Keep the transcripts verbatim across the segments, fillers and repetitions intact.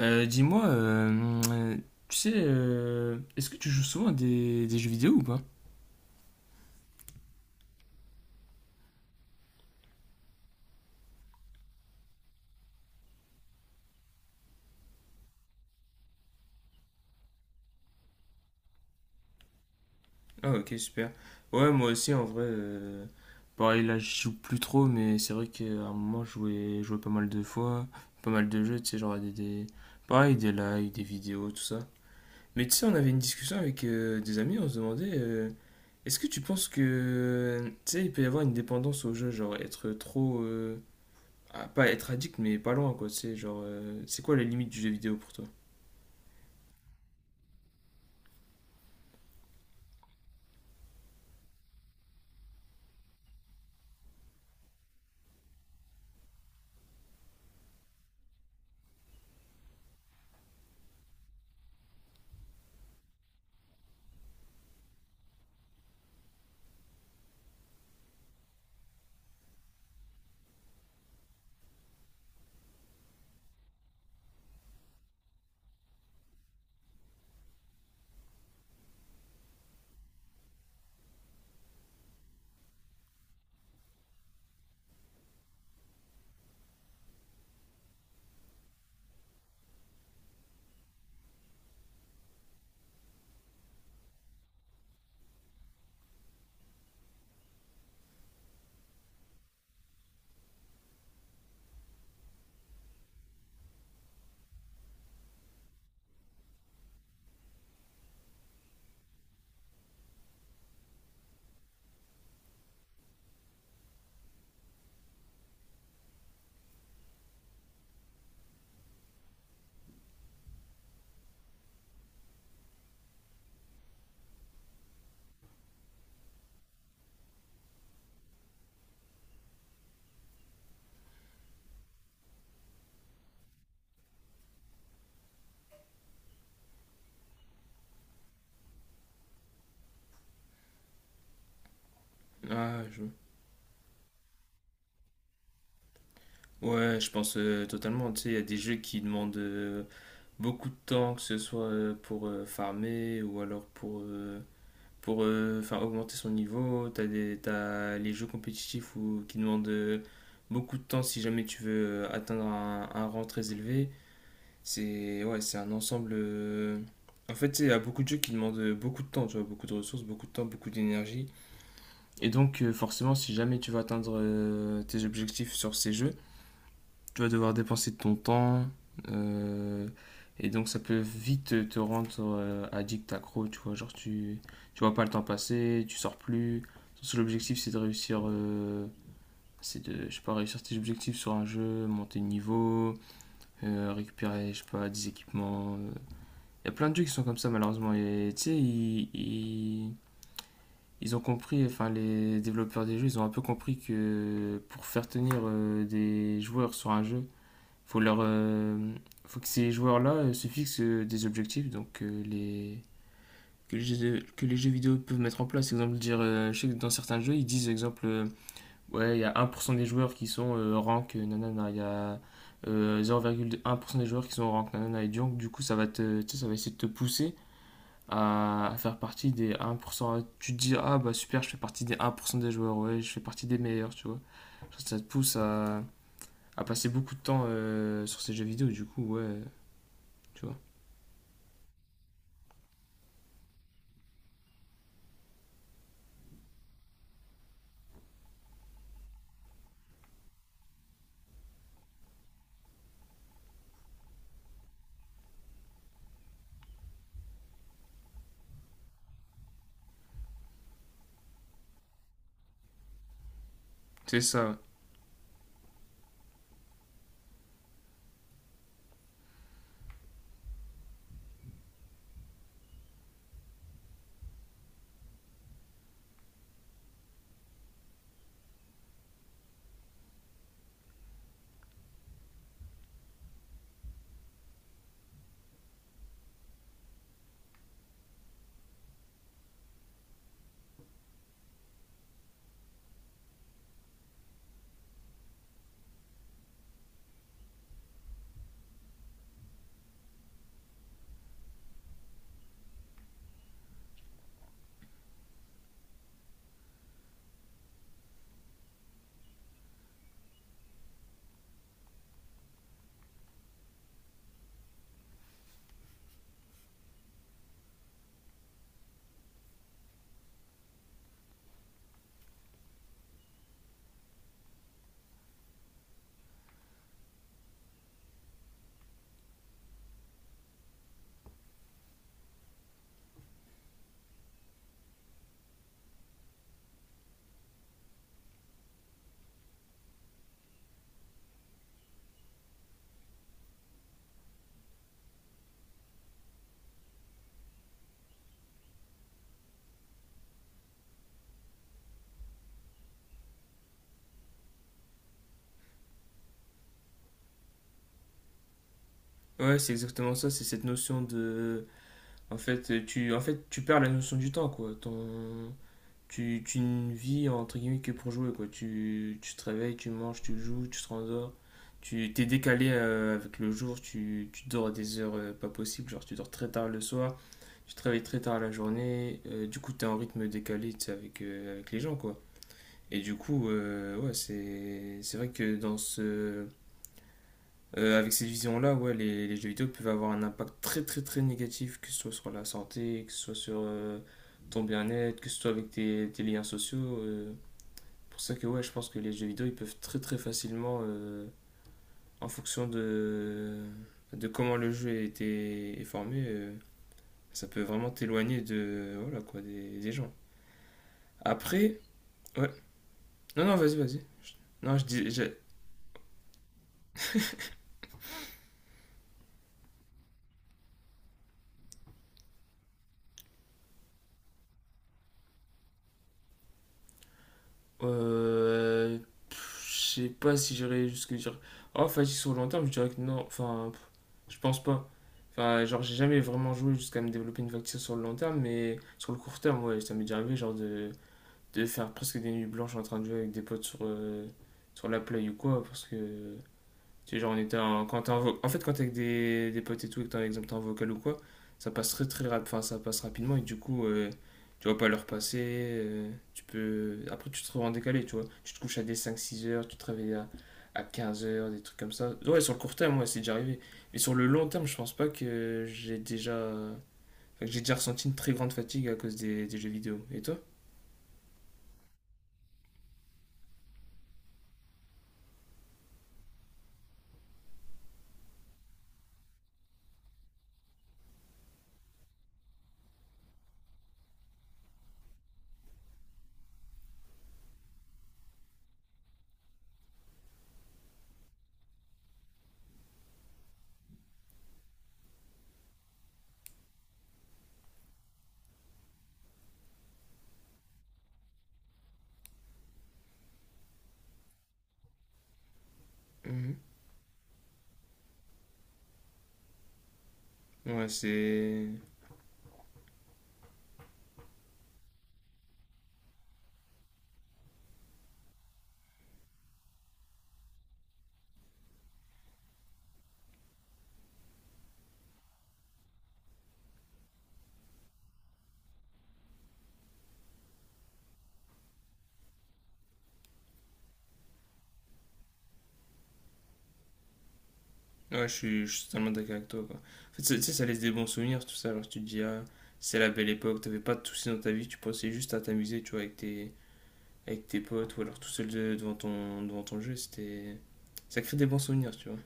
Euh, dis-moi, euh, tu sais, euh, est-ce que tu joues souvent à des, des jeux vidéo ou pas? Ah, ok, super. Ouais, moi aussi, en vrai, euh, pareil, là, je joue plus trop, mais c'est vrai qu'à un moment, je jouais, je jouais pas mal de fois, pas mal de jeux, tu sais, genre des, des, pareil, des lives, des vidéos, tout ça. Mais tu sais, on avait une discussion avec euh, des amis, on se demandait, euh, est-ce que tu penses que, tu sais, il peut y avoir une dépendance au jeu, genre être trop, euh, Ah, pas être addict, mais pas loin, quoi. Tu sais, genre, euh, c'est quoi la limite du jeu vidéo pour toi? Ah, je... Ouais, je pense euh, totalement. Tu sais, il y a des jeux qui demandent euh, beaucoup de temps, que ce soit euh, pour euh, farmer ou alors pour, euh, pour euh, faire augmenter son niveau. T'as des, t'as les jeux compétitifs ou qui demandent euh, beaucoup de temps si jamais tu veux euh, atteindre un, un rang très élevé. C'est ouais, c'est un ensemble. euh, En fait, tu sais, il y a beaucoup de jeux qui demandent euh, beaucoup de temps, tu vois, beaucoup de ressources, beaucoup de temps, beaucoup d'énergie. Et donc, euh, forcément, si jamais tu veux atteindre euh, tes objectifs sur ces jeux, tu vas devoir dépenser de ton temps. euh, et donc, ça peut vite te rendre euh, addict, accro, tu vois. Genre, tu, tu vois pas le temps passer, tu sors plus. Ton seul objectif, c'est de réussir. Euh, c'est de, je sais pas, réussir tes objectifs sur un jeu, monter de niveau, euh, récupérer, je sais pas, des équipements. Euh. Il y a plein de jeux qui sont comme ça, malheureusement. Et tu sais, ils- ils- ils ont compris, enfin les développeurs des jeux, ils ont un peu compris que pour faire tenir euh, des joueurs sur un jeu, faut leur, euh, faut que ces joueurs-là euh, se fixent euh, des objectifs, donc euh, les que les, jeux, que les jeux vidéo peuvent mettre en place. Exemple, dire, euh, je sais que dans certains jeux, ils disent, exemple, euh, ouais, il y a un pour cent des joueurs qui sont euh, rank, euh, nanana, il y a euh, zéro virgule un pour cent des joueurs qui sont rank, nanana, et donc, du coup, ça va te, tu sais, ça va essayer de te pousser à, à faire partie des un pour cent. Tu te dis, ah bah super, je fais partie des un pour cent des joueurs, ouais, je fais partie des meilleurs, tu vois. Ça te pousse à, à passer beaucoup de temps euh, sur ces jeux vidéo, du coup, ouais, tu vois. C'est ça. Ouais, c'est exactement ça, c'est cette notion de... En fait, tu, en fait, tu perds la notion du temps, quoi. Ton, tu, tu ne vis, entre guillemets, que pour jouer, quoi. Tu, tu te réveilles, tu manges, tu joues, tu te rendors. Tu t'es décalé euh, avec le jour, tu, tu dors à des heures euh, pas possibles, genre tu dors très tard le soir, je travaille très tard la journée, euh, du coup t'es en rythme décalé tu sais, avec, euh, avec les gens quoi. Et du coup, euh, ouais, c'est c'est vrai que dans ce euh, avec cette vision-là, ouais, les, les jeux vidéo peuvent avoir un impact très très très négatif, que ce soit sur la santé, que ce soit sur euh, ton bien-être, que ce soit avec tes, tes liens sociaux. Euh. Pour ça que ouais, je pense que les jeux vidéo ils peuvent très très facilement, euh, en fonction de de comment le jeu a été est formé, euh, ça peut vraiment t'éloigner de voilà quoi des, des gens. Après, ouais. Non, non, vas-y, vas-y. Je- Non, je dis. Je- Euh... pff, je sais pas si j'irais jusque dire. Oh, fatigue sur le long terme, je dirais que non. Enfin, pff, je pense pas. Enfin, genre, j'ai jamais vraiment joué jusqu'à me développer une fatigue sur le long terme, mais sur le court terme, ouais, ça m'est déjà arrivé, genre, de... de faire presque des nuits blanches en train de jouer avec des potes sur, euh, sur la play ou quoi, parce que tu sais, genre, on était en, quand t'es en, vo- en fait, quand t'es avec des, des potes et tout, et que t'es, par exemple, t'es en vocal ou quoi, ça passe très très rap- enfin, ça passe rapidement et du coup, euh, tu vas pas leur passer. Euh, tu peux... Après, tu te retrouves en décalé, tu vois. Tu te couches à des cinq six heures, tu te réveilles à, à quinze heures, des trucs comme ça. Ouais, sur le court terme, moi, c'est déjà arrivé. Mais sur le long terme, je pense pas que j'ai déjà. Enfin, que j'ai déjà ressenti une très grande fatigue à cause des, des jeux vidéo. Et toi? Mhm. Ouais, c'est. Ouais, je suis, je suis totalement d'accord avec toi, quoi. En fait, ça- tu sais, ça laisse des bons souvenirs, tout ça. Genre, tu te dis, ah, c'est la belle époque, t'avais pas de soucis dans ta vie, tu pensais juste à t'amuser, tu vois, avec tes, avec tes potes ou alors tout seul de- devant ton, devant ton jeu. C'était... Ça crée des bons souvenirs, tu vois.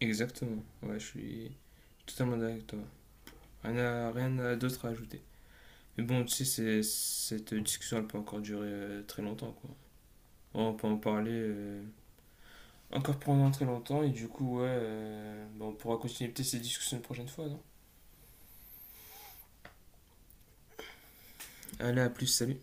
Exactement. Ouais, je suis totalement d'accord avec toi. Rien à- rien à d'autre à ajouter. Mais bon, tu sais, c'est- cette discussion, elle peut encore durer euh, très longtemps, quoi. On peut en parler euh, encore pendant très longtemps et du coup, ouais, euh, bah, on pourra continuer peut-être cette discussion une prochaine fois, non? Allez, à plus, salut.